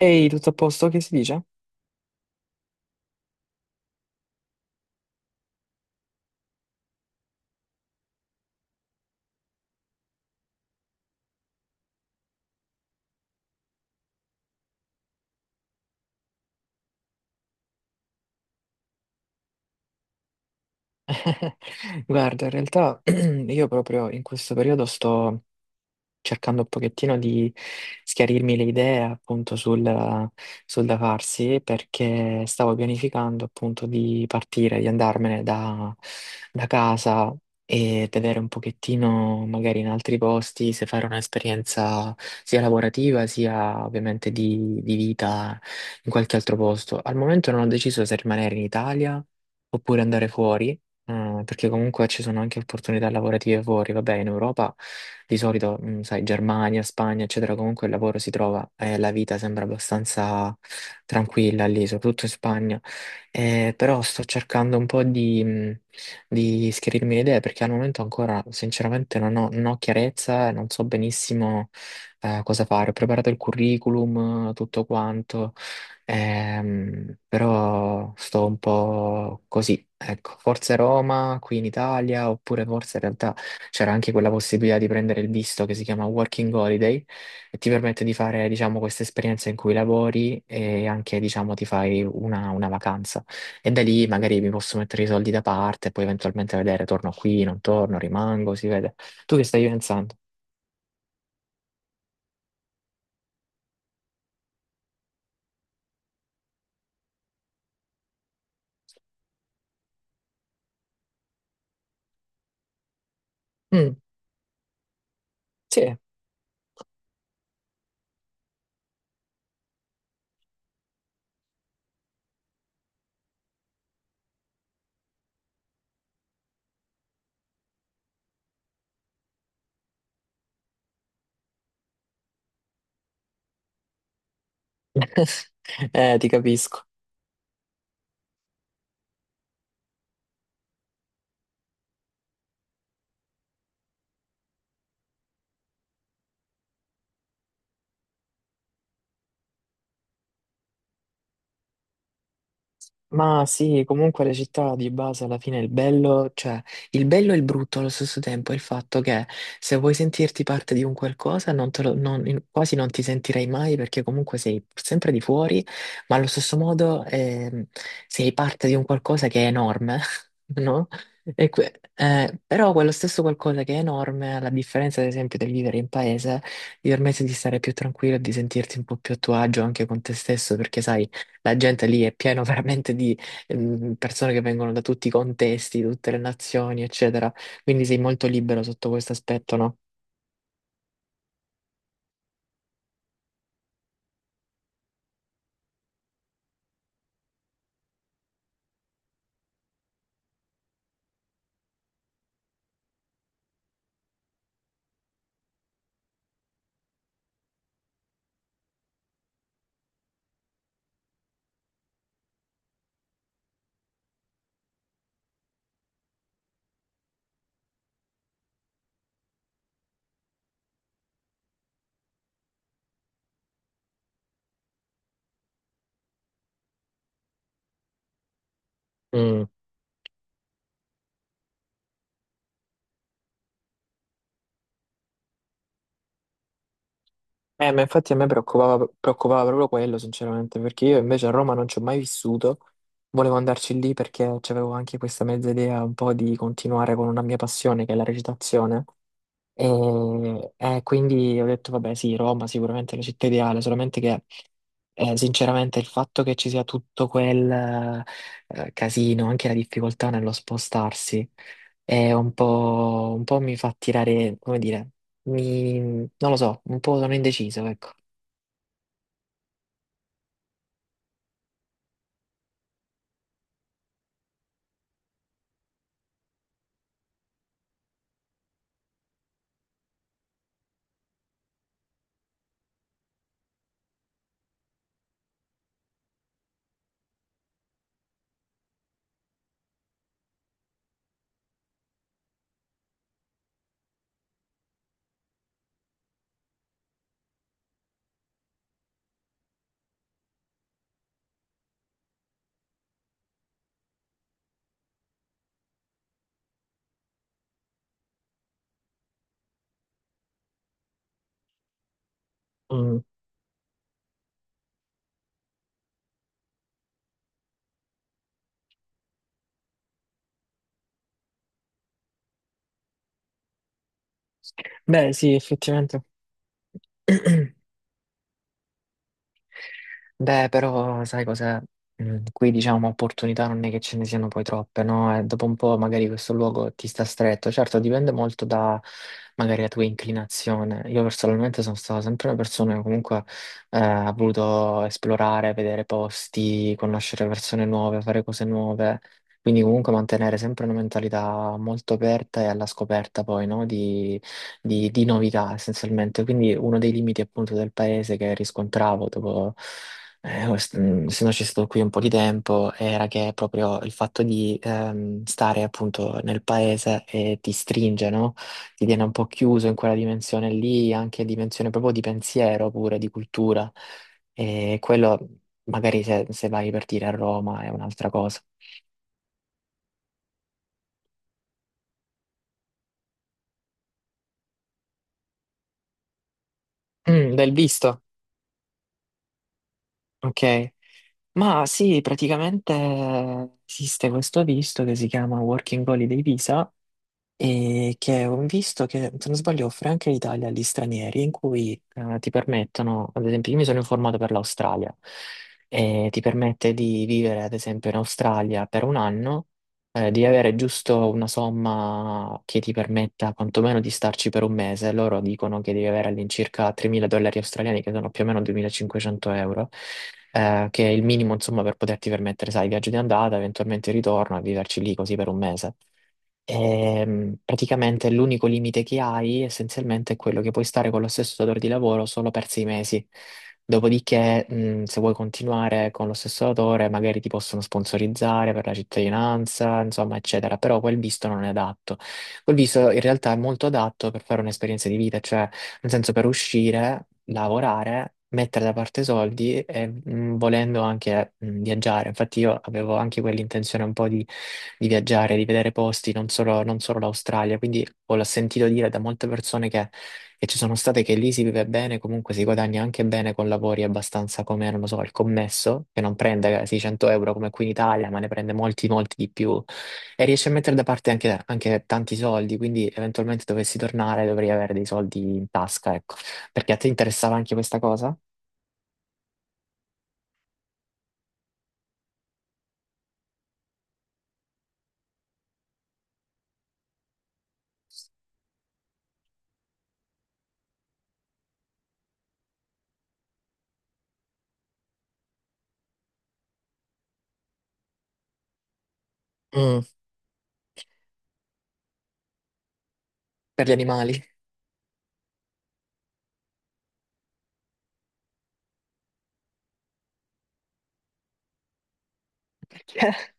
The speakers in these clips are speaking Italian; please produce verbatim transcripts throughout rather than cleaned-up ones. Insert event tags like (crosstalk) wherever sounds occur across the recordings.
Ehi, tutto a posto? Che si dice? (laughs) Guarda, in realtà (clears throat) io proprio in questo periodo sto cercando un pochettino di schiarirmi le idee appunto sul, sul da farsi perché stavo pianificando appunto di partire, di andarmene da, da casa e vedere un pochettino magari in altri posti se fare un'esperienza sia lavorativa sia ovviamente di, di vita in qualche altro posto. Al momento non ho deciso se rimanere in Italia oppure andare fuori. Eh, perché comunque ci sono anche opportunità lavorative fuori, vabbè, in Europa di solito, mm, sai, Germania, Spagna, eccetera, comunque il lavoro si trova e la vita sembra abbastanza tranquilla lì, soprattutto in Spagna. Eh, però sto cercando un po' di, mm, di schiarirmi le idee perché al momento ancora, sinceramente, non ho, non ho chiarezza e non so benissimo eh, cosa fare. Ho preparato il curriculum, eh, tutto quanto. Ehm, però sto un po' così, ecco, forse Roma qui in Italia, oppure forse in realtà c'era anche quella possibilità di prendere il visto che si chiama Working Holiday e ti permette di fare, diciamo, questa esperienza in cui lavori e anche, diciamo, ti fai una, una vacanza. E da lì magari mi posso mettere i soldi da parte e poi eventualmente vedere, torno qui, non torno, rimango, si vede. Tu che stai pensando? Mm, sì. (laughs) Eh, ti capisco. Ma sì, comunque le città di base alla fine il bello, cioè il bello e il brutto allo stesso tempo è il fatto che se vuoi sentirti parte di un qualcosa non te lo- non- in- quasi non ti sentirai mai perché comunque sei sempre di fuori, ma allo stesso modo ehm, sei parte di un qualcosa che è enorme, (laughs) no? E que- eh, però quello stesso qualcosa che è enorme, alla differenza ad esempio del vivere in paese, ti permette di stare più tranquillo e di sentirti un po' più a tuo agio anche con te stesso perché sai la gente lì è piena (laughs) veramente di ehm, persone che vengono da tutti i contesti, da tutte le nazioni, eccetera. Quindi sei molto libero sotto questo aspetto, no? Mm. Eh, ma infatti a me preoccupava, preoccupava proprio quello, sinceramente, perché io invece a Roma non ci ho mai vissuto. Volevo andarci lì perché avevo anche questa mezza idea un po' di continuare con una mia passione, che è la recitazione. E, eh, quindi ho detto, vabbè, sì, Roma sicuramente è la città ideale, solamente che eh, sinceramente il fatto che ci sia tutto quel eh, casino, anche la difficoltà nello spostarsi, è un po', un po' mi fa tirare, come dire, mi- non lo so, un po' sono indeciso, ecco. Mm. Beh, sì, effettivamente. Beh, però sai cos'è? Mm, Qui diciamo opportunità non è che ce ne siano poi troppe, no? E dopo un po' magari questo luogo ti sta stretto. Certo, dipende molto da magari la tua inclinazione. Io personalmente sono stata sempre una persona che comunque eh, ha voluto esplorare, vedere posti, conoscere persone nuove, fare cose nuove. Quindi comunque mantenere sempre una mentalità molto aperta e alla scoperta poi, no? Di, di di novità essenzialmente. Quindi uno dei limiti appunto del paese che riscontravo dopo eh, o- mm, se no ci sto qui un po' di tempo, era che proprio il fatto di ehm, stare appunto nel paese e ti stringe, no? Ti tiene un po' chiuso in quella dimensione lì, anche dimensione proprio di pensiero pure, di cultura. E quello magari se, se vai per dire a Roma è un'altra cosa. Mm, del visto, ok. Ma sì, praticamente esiste questo visto che si chiama Working Holiday Visa e che ho visto che, se non sbaglio, offre anche l'Italia agli stranieri, in cui eh, ti permettono, ad esempio, io mi sono informato per l'Australia, e ti permette di vivere, ad esempio, in Australia per un anno, eh, di avere giusto una somma che ti permetta quantomeno di starci per un mese. Loro dicono che devi avere all'incirca tremila dollari australiani, che sono più o meno duemilacinquecento euro, eh, che è il minimo, insomma, per poterti permettere, sai, il viaggio di andata, eventualmente il ritorno, e viverci lì così per un mese. Ehm, praticamente l'unico limite che hai essenzialmente è quello che puoi stare con lo stesso datore di lavoro solo per sei mesi. Dopodiché, mh, se vuoi continuare con lo stesso datore, magari ti possono sponsorizzare per la cittadinanza, insomma, eccetera. Però quel visto non è adatto. Quel visto in realtà è molto adatto per fare un'esperienza di vita, cioè, nel senso, per uscire lavorare, mettere da parte soldi e mh, volendo anche mh, viaggiare. Infatti io avevo anche quell'intenzione un po' di, di viaggiare, di vedere posti, non solo, non solo l'Australia, quindi ho sentito dire da molte persone che, che ci sono state che lì si vive bene, comunque si guadagna anche bene con lavori abbastanza come, non lo so, il commesso, che non prende seicento euro come qui in Italia, ma ne prende molti, molti di più e riesci a mettere da parte anche, anche tanti soldi, quindi eventualmente dovessi tornare dovrei avere dei soldi in tasca, ecco. Perché a te interessava anche questa cosa? Mm. Per gli animali? Perché?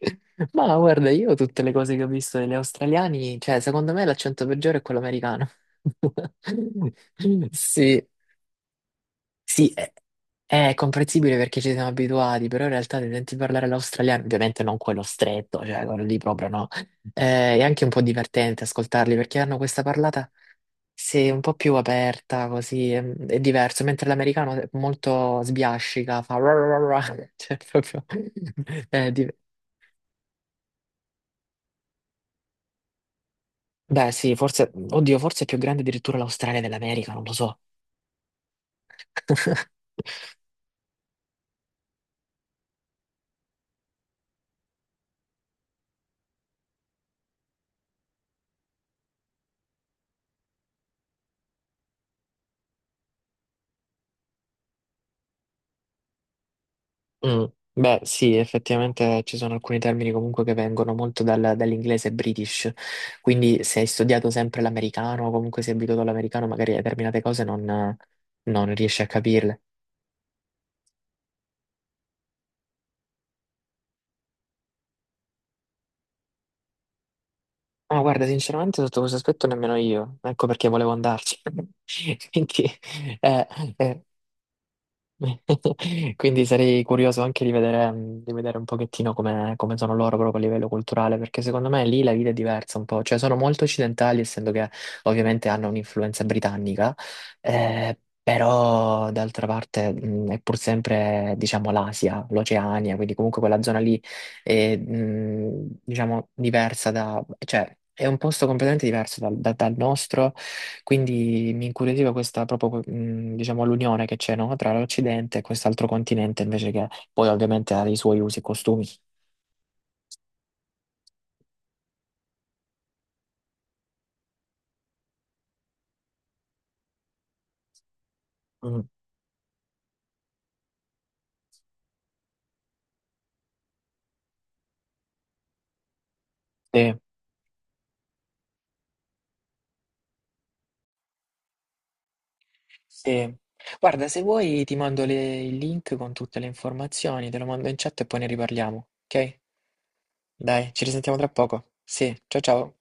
(laughs) Ma guarda, io tutte le cose che ho visto degli australiani, cioè, secondo me l'accento peggiore è quello americano. (laughs) Sì, sì, è, è comprensibile perché ci siamo abituati, però in realtà se senti parlare l'australiano, ovviamente non quello stretto, cioè quello lì proprio no. Eh, è anche un po' divertente ascoltarli perché hanno questa parlata sì, un po' più aperta, così è, è diverso, mentre l'americano è molto sbiascica, fa ra ra ra ra, (laughs) cioè proprio. è di- Beh sì, forse, oddio, forse è più grande addirittura l'Australia dell'America, non lo so. (laughs) Mm, beh, sì, effettivamente ci sono alcuni termini comunque che vengono molto dal- dall'inglese british, quindi se hai studiato sempre l'americano o comunque sei abituato all'americano, magari determinate cose non, non riesci a capirle. Ma guarda, sinceramente sotto questo aspetto nemmeno io, ecco perché volevo andarci. (laughs) Quindi, eh, eh, (laughs) quindi sarei curioso anche di vedere, di vedere, un pochettino come, come sono loro proprio a livello culturale, perché secondo me lì la vita è diversa un po', cioè sono molto occidentali, essendo che ovviamente hanno un'influenza britannica, eh, però d'altra parte mh, è pur sempre, diciamo, l'Asia, l'Oceania, quindi comunque quella zona lì è, mh, diciamo, diversa da, cioè è un posto completamente diverso dal, da- dal nostro quindi mi incuriosiva questa proprio, mh, diciamo, l'unione che c'è, no? Tra l'Occidente e quest'altro continente, invece che poi ovviamente ha i suoi usi e costumi. Mm. Sì, sì. Guarda, se vuoi ti mando le- il link con tutte le informazioni, te lo mando in chat e poi ne riparliamo, ok? Dai, ci risentiamo tra poco. Sì, ciao ciao.